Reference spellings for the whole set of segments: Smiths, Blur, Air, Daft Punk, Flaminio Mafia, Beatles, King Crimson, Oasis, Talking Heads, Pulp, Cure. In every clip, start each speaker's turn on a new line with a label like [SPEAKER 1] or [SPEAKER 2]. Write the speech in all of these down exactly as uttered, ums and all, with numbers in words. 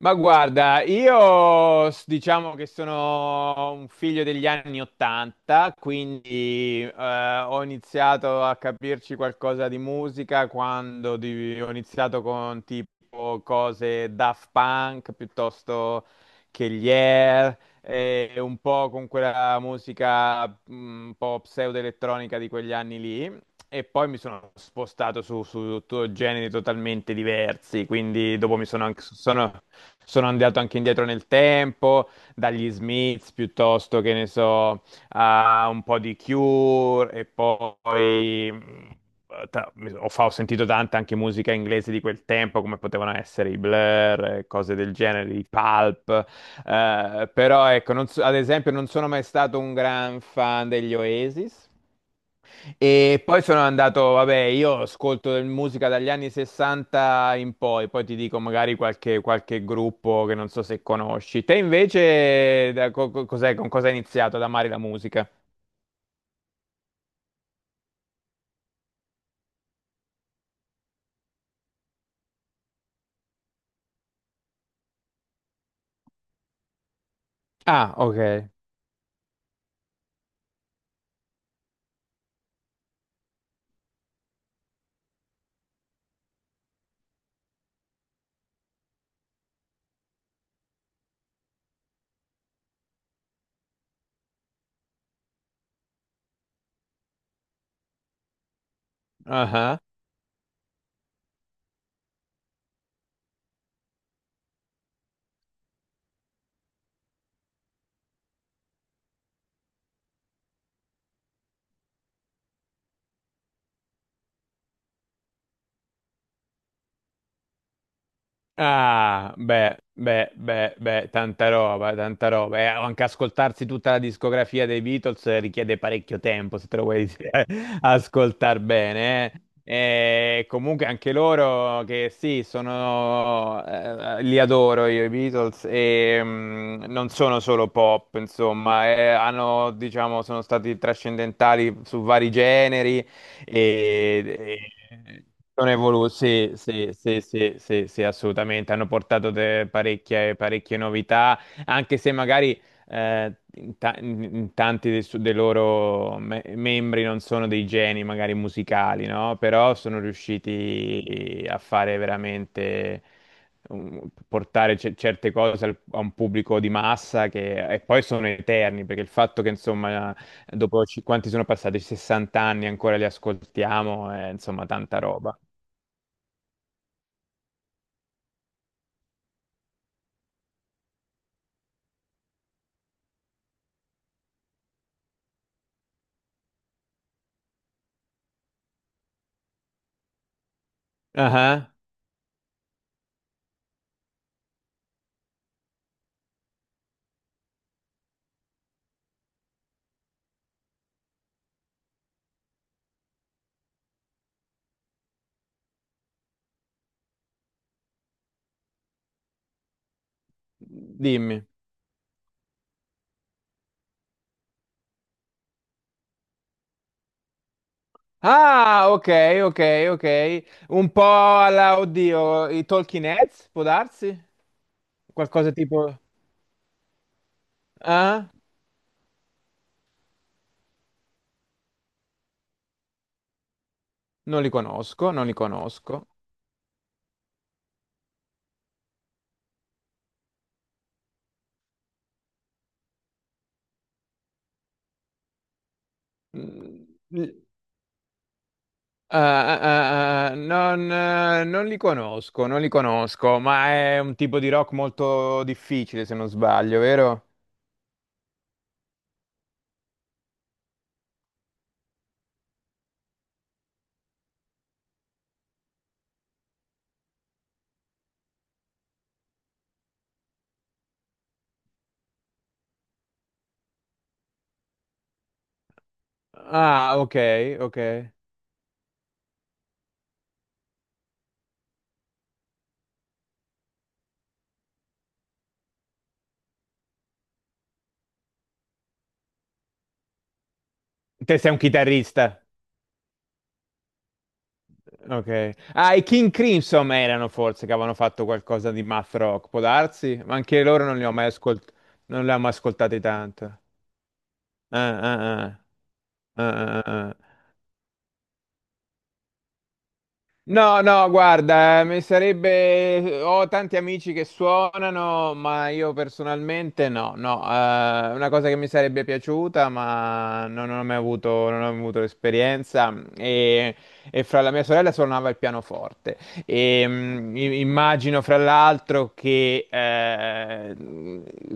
[SPEAKER 1] Ma guarda, io s- diciamo che sono un figlio degli anni ottanta, quindi eh, ho iniziato a capirci qualcosa di musica quando di- ho iniziato con tipo cose Daft Punk piuttosto che gli Air, e un po' con quella musica mh, un po' pseudo-elettronica di quegli anni lì. E poi mi sono spostato su, su to- generi totalmente diversi, quindi dopo mi sono, anche- sono, sono andato anche indietro nel tempo, dagli Smiths piuttosto che ne so, a un po' di Cure e poi mh, ta- mi- so, ho, fa- ho sentito tanta anche musica inglese di quel tempo, come potevano essere i Blur, eh, cose del genere, i Pulp, eh, però ecco, non so- ad esempio non sono mai stato un gran fan degli Oasis. E poi sono andato, vabbè, io ascolto del- musica dagli anni sessanta in poi, poi ti dico magari qualche, qualche gruppo che non so se conosci. Te invece, da co- co- cos'è- con cosa hai iniziato ad amare la musica? Ah, ok. Ah, beh, beh, beh, beh, tanta roba, tanta roba. E anche ascoltarsi tutta la discografia dei Beatles richiede parecchio tempo se te lo vuoi ascoltare bene. eh. E comunque anche loro che sì, sono, eh, li adoro io i Beatles e mm, non sono solo pop, insomma, eh, hanno, diciamo, sono stati trascendentali su vari generi e, e sono evoluti, sì, sì, sì, sì, sì, sì, assolutamente, hanno portato de- parecchie, parecchie novità, anche se magari eh, in ta- in tanti dei, su- dei loro me- membri non sono dei geni magari musicali, no? Però sono riusciti a fare veramente um, portare ce- certe cose al- a un pubblico di massa che e poi sono eterni, perché il fatto che insomma dopo ci- quanti sono passati? sessanta anni ancora li ascoltiamo, eh, insomma, tanta roba. Ah, dimmi. Ah, ok, ok, ok. Un po' alla, oddio, i Talking Heads, può darsi? Qualcosa tipo... Ah? Non li conosco, non li conosco. Mm, ah, ah, ah, ah, non, eh, non li conosco, non li conosco, ma è un tipo di rock molto difficile, se non sbaglio, vero? Ah, ok, ok. Te sei un chitarrista. Ok. Ah, i King Crimson erano forse che avevano fatto qualcosa di math rock, può darsi? Ma anche loro non li ho mai ascoltati, non li ho mai ascoltati tanto. Ah, ah, ah. Ah, ah, ah. Ah. No, no, guarda, eh, mi sarebbe... Ho tanti amici che suonano, ma io personalmente no, no. Eh, una cosa che mi sarebbe piaciuta, ma non, non ho mai avuto, non ho avuto l'esperienza. mm, E, e fra la mia sorella suonava il pianoforte. E, mh, i- immagino fra l'altro che eh,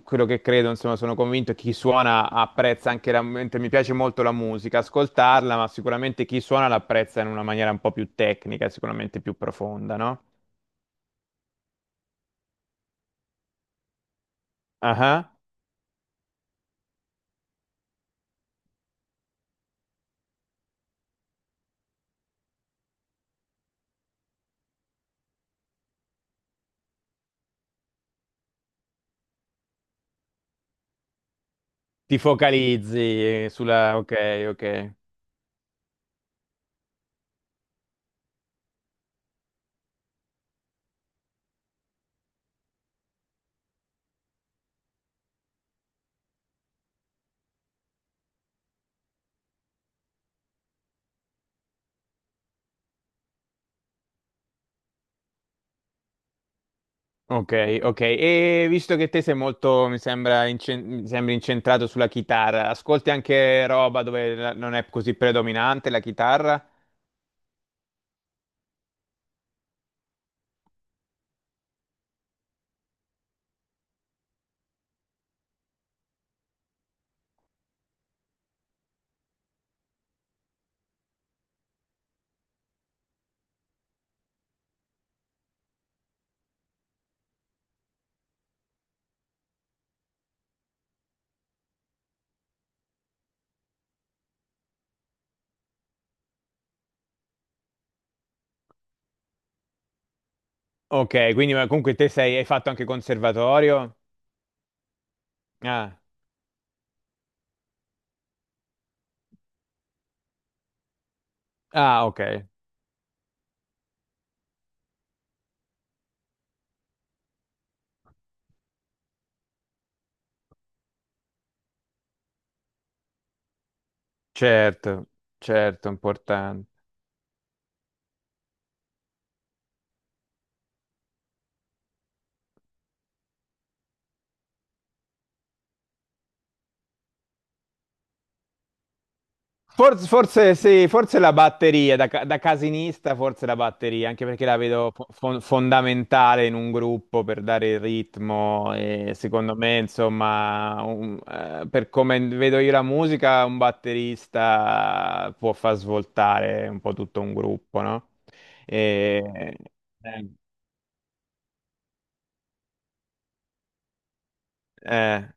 [SPEAKER 1] quello che credo, insomma, sono convinto che chi suona apprezza anche la, mentre mi piace molto la musica, ascoltarla, ma sicuramente chi suona l'apprezza in una maniera un po' più tecnica, sicuramente più profonda, no? Ah, ti focalizzi eh, sulla... Ok, ok. Ok, ok. E visto che te sei molto, mi sembra, incen- mi sembri incentrato sulla chitarra, ascolti anche roba dove la- non è così predominante la chitarra? Ok, quindi ma comunque te sei, hai fatto anche conservatorio? Ah, ah, ok, certo, certo, importante. Forse, forse sì, forse la batteria, da, ca- da casinista forse la batteria, anche perché la vedo fo- fon- fondamentale in un gruppo per dare il ritmo e secondo me, insomma, un- eh, per come vedo io la musica, un batterista può far svoltare un po' tutto un gruppo, no? E, eh, eh,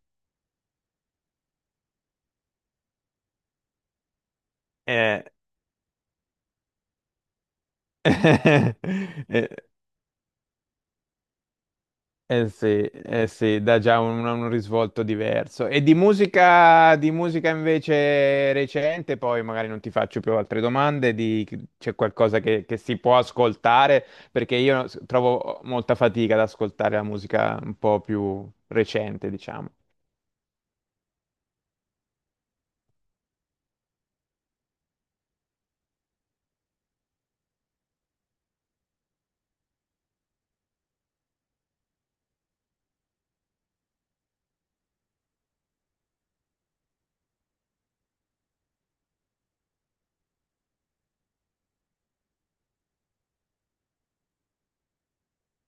[SPEAKER 1] eh, eh, eh sì, eh sì, dà già un, un risvolto diverso. E di musica, di musica invece recente, poi magari non ti faccio più altre domande, di- c'è qualcosa che, che si può ascoltare, perché io s- trovo molta fatica ad ascoltare la musica un po' più recente, diciamo.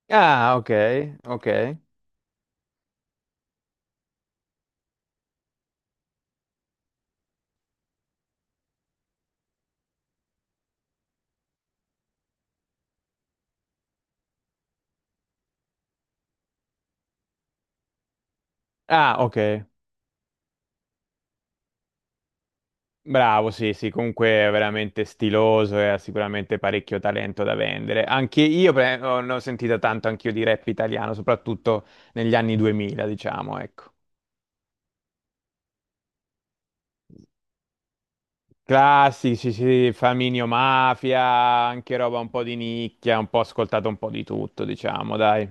[SPEAKER 1] Ah, ok, ok. Ah, ok. Bravo, sì, sì, comunque è veramente stiloso e ha sicuramente parecchio talento da vendere. Anche io pre- ho- ne ho sentita tanto anch'io di rap italiano, soprattutto negli anni duemila, diciamo, ecco. Classici, sì, sì, Flaminio Mafia, anche roba un po' di nicchia, un po' ascoltato un po' di tutto, diciamo, dai.